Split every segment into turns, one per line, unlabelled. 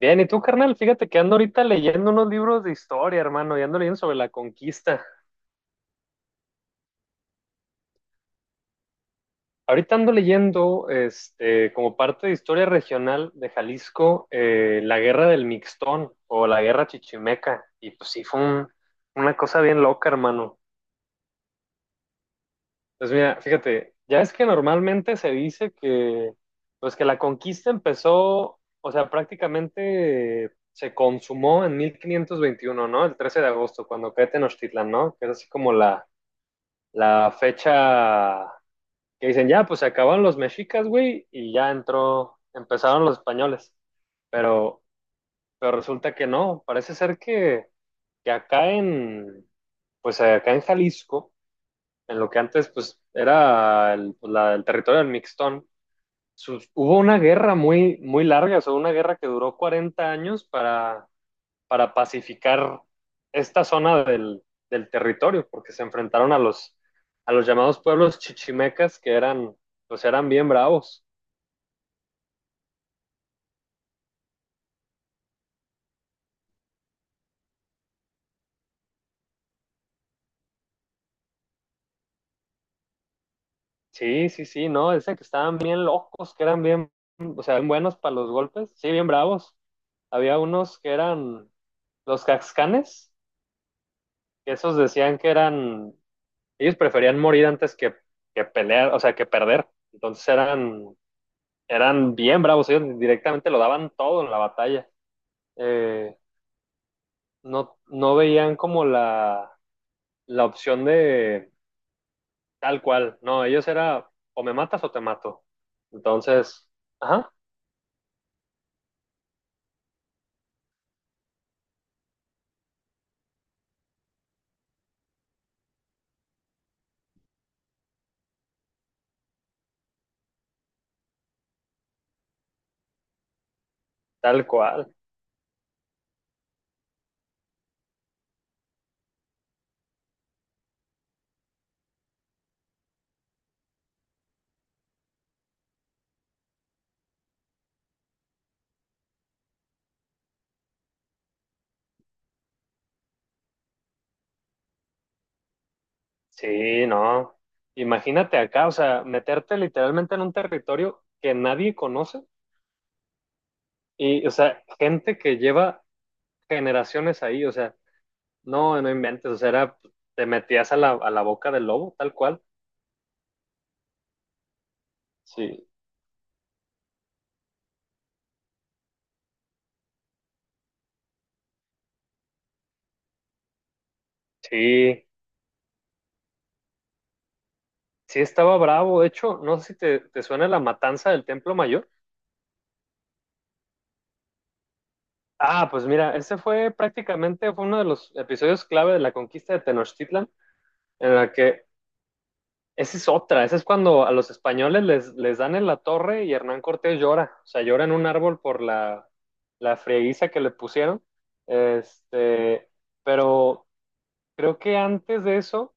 Bien, ¿y tú, carnal? Fíjate que ando ahorita leyendo unos libros de historia, hermano, y ando leyendo sobre la conquista. Ahorita ando leyendo, este, como parte de historia regional de Jalisco, la guerra del Mixtón o la guerra chichimeca. Y pues sí, una cosa bien loca, hermano. Pues mira, fíjate, ya es que normalmente se dice que, pues que la conquista empezó, o sea, prácticamente se consumó en 1521, ¿no? El 13 de agosto, cuando cae Tenochtitlán, ¿no? Que es así como la fecha que dicen, ya, pues se acabaron los mexicas, güey, y ya entró, empezaron los españoles. Pero, pero resulta que no, parece ser que, que acá en, pues acá en Jalisco, en lo que antes pues era el territorio del Mixtón, hubo una guerra muy, muy larga, o sea, una guerra que duró 40 años para pacificar esta zona del territorio, porque se enfrentaron a a los llamados pueblos chichimecas que eran, pues eran bien bravos. Sí, sí, sí, no, dicen que estaban bien locos, que eran bien, o sea, bien buenos para los golpes, sí, bien bravos. Había unos que eran los caxcanes, que esos decían que eran, ellos preferían morir antes que pelear, o sea, que perder. Entonces eran, eran bien bravos, ellos directamente lo daban todo en la batalla. Eh, no, no veían como la opción de tal cual. No, ellos era o me matas o te mato. Entonces, ajá, tal cual. Sí, no. Imagínate acá, o sea, meterte literalmente en un territorio que nadie conoce y, o sea, gente que lleva generaciones ahí, o sea, no, no inventes, o sea, era, te metías a a la boca del lobo, tal cual. Sí. Sí, sí estaba bravo. De hecho, no sé si te suena la matanza del Templo Mayor. Ah, pues mira, ese fue prácticamente fue uno de los episodios clave de la conquista de Tenochtitlan, en la que esa es otra, esa es cuando a los españoles les dan en la torre y Hernán Cortés llora, o sea, llora en un árbol por la frieguiza que le pusieron. Este, pero creo que antes de eso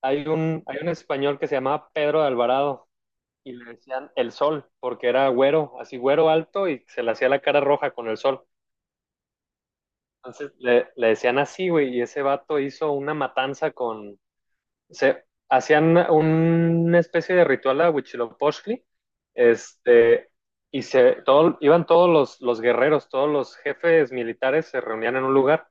hay un español que se llamaba Pedro de Alvarado y le decían el sol, porque era güero, así güero alto y se le hacía la cara roja con el sol. Entonces le decían así, güey, y ese vato hizo una matanza con... Se, hacían una especie de ritual a Huitzilopochtli, este, y se, todo, iban todos los guerreros, todos los jefes militares se reunían en un lugar.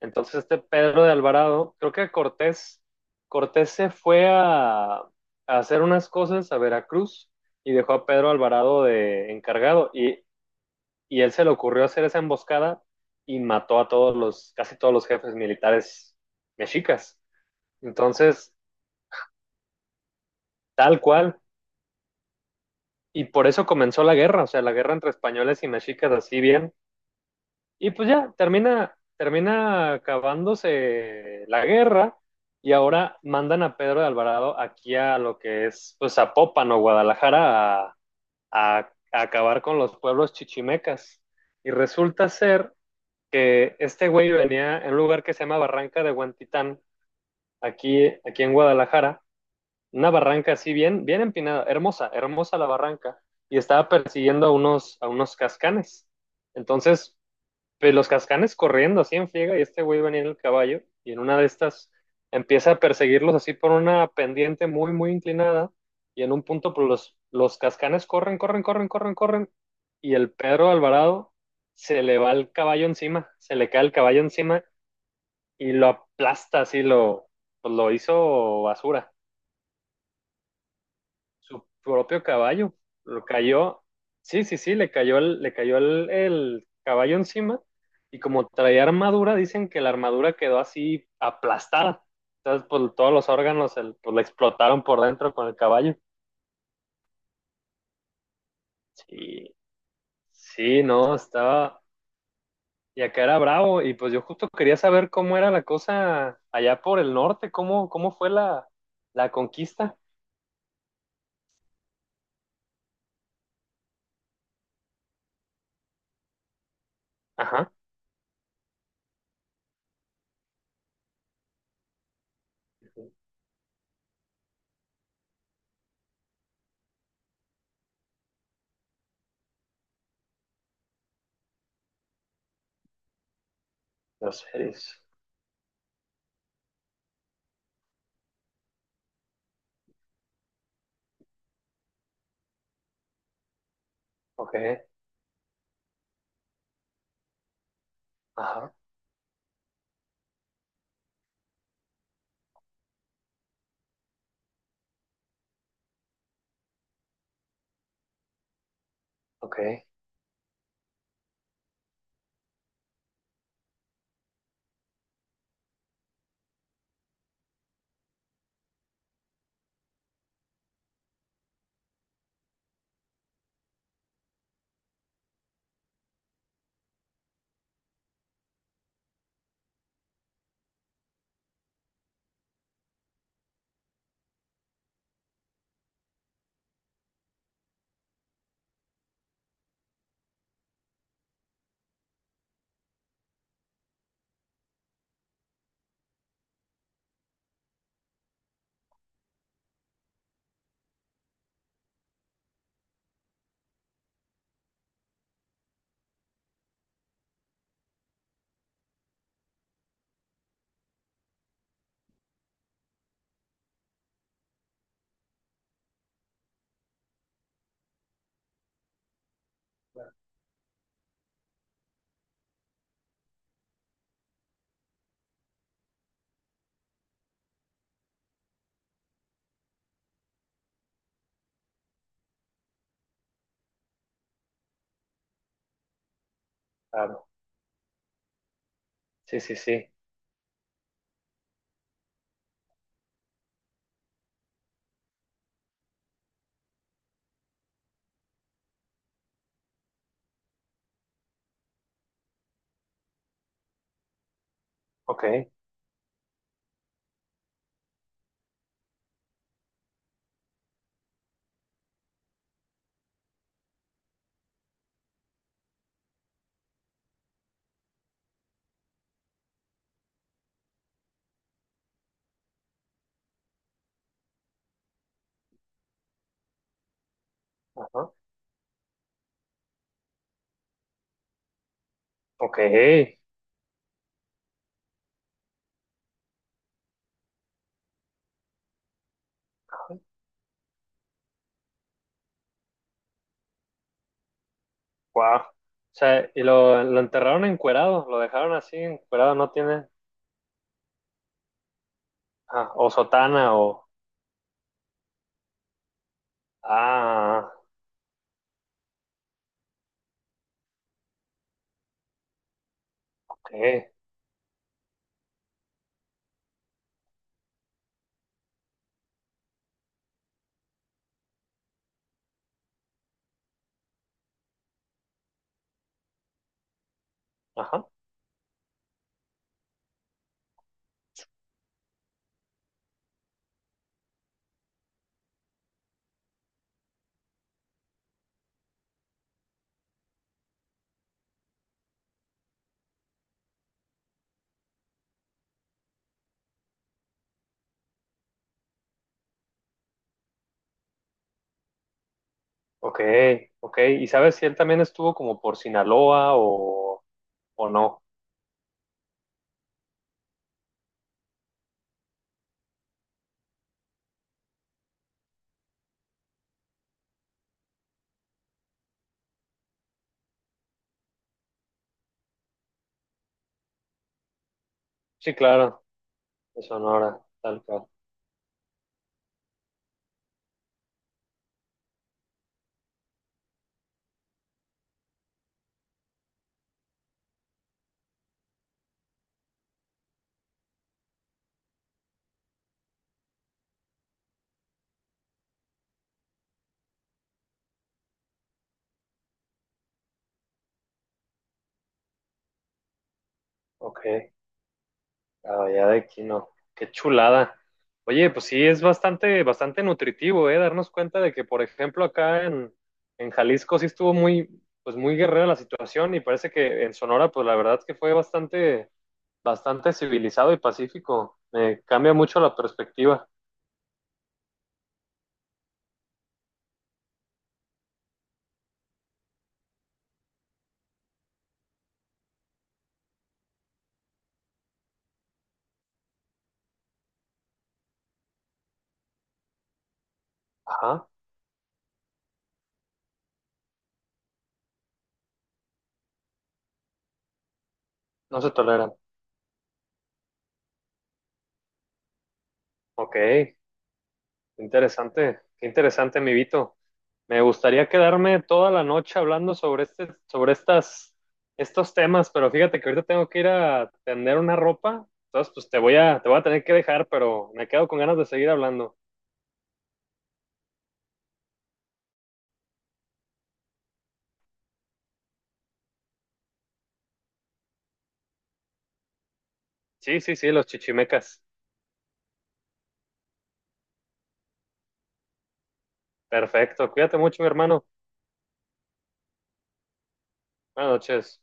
Entonces este Pedro de Alvarado, Cortés se fue a hacer unas cosas a Veracruz y dejó a Pedro Alvarado de encargado. Y él se le ocurrió hacer esa emboscada y mató a todos casi todos los jefes militares mexicas. Entonces, tal cual, y por eso comenzó la guerra, o sea, la guerra entre españoles y mexicas así bien, y pues ya termina, termina acabándose la guerra. Y ahora mandan a Pedro de Alvarado aquí a lo que es, pues, Zapopan o Guadalajara a, a acabar con los pueblos chichimecas. Y resulta ser que este güey venía en un lugar que se llama Barranca de Guantitán, aquí, aquí en Guadalajara, una barranca así bien, bien empinada, hermosa, hermosa la barranca, y estaba persiguiendo a unos cascanes. Entonces, pues, los cascanes corriendo así en friega y este güey venía en el caballo y en una de estas empieza a perseguirlos así por una pendiente muy, muy inclinada y en un punto pues, los cascanes corren, corren, corren, corren, corren y el Pedro Alvarado se le va el caballo encima, se le cae el caballo encima y lo aplasta así, lo, pues, lo hizo basura su propio caballo. Lo cayó, sí, sí, sí, le cayó el caballo encima y como traía armadura, dicen que la armadura quedó así aplastada. Entonces, pues todos los pues, le explotaron por dentro con el caballo. Sí, sí, no, estaba... Y acá era bravo y pues yo justo quería saber cómo era la cosa allá por el norte, cómo, cómo fue la conquista. Ajá. Los seres. Ok. Ajá. Ok. Claro. Sí, sí, sí. Ok, ajá, ok, ajá, guau. O sea, y lo enterraron encuerado, lo dejaron así encuerado, no tiene, ah, o sotana, o, ah, ok, ajá, ok, ok. ¿Y sabes si él también estuvo como por Sinaloa o no? Sí, claro, de Sonora, tal cual, ok. La Bahía de Quino. Qué chulada. Oye, pues sí, es bastante, bastante nutritivo, ¿eh? Darnos cuenta de que, por ejemplo, acá en Jalisco sí estuvo muy, pues muy guerrera la situación y parece que en Sonora, pues la verdad es que fue bastante, bastante civilizado y pacífico. Me cambia mucho la perspectiva. Ajá, no se toleran. Ok. Interesante, qué interesante, mi Vito. Me gustaría quedarme toda la noche hablando sobre este, sobre estas, estos temas, pero fíjate que ahorita tengo que ir a tender una ropa, entonces pues te voy a tener que dejar, pero me quedo con ganas de seguir hablando. Sí, sí, sí, los chichimecas. Perfecto, cuídate mucho, mi hermano. Buenas noches.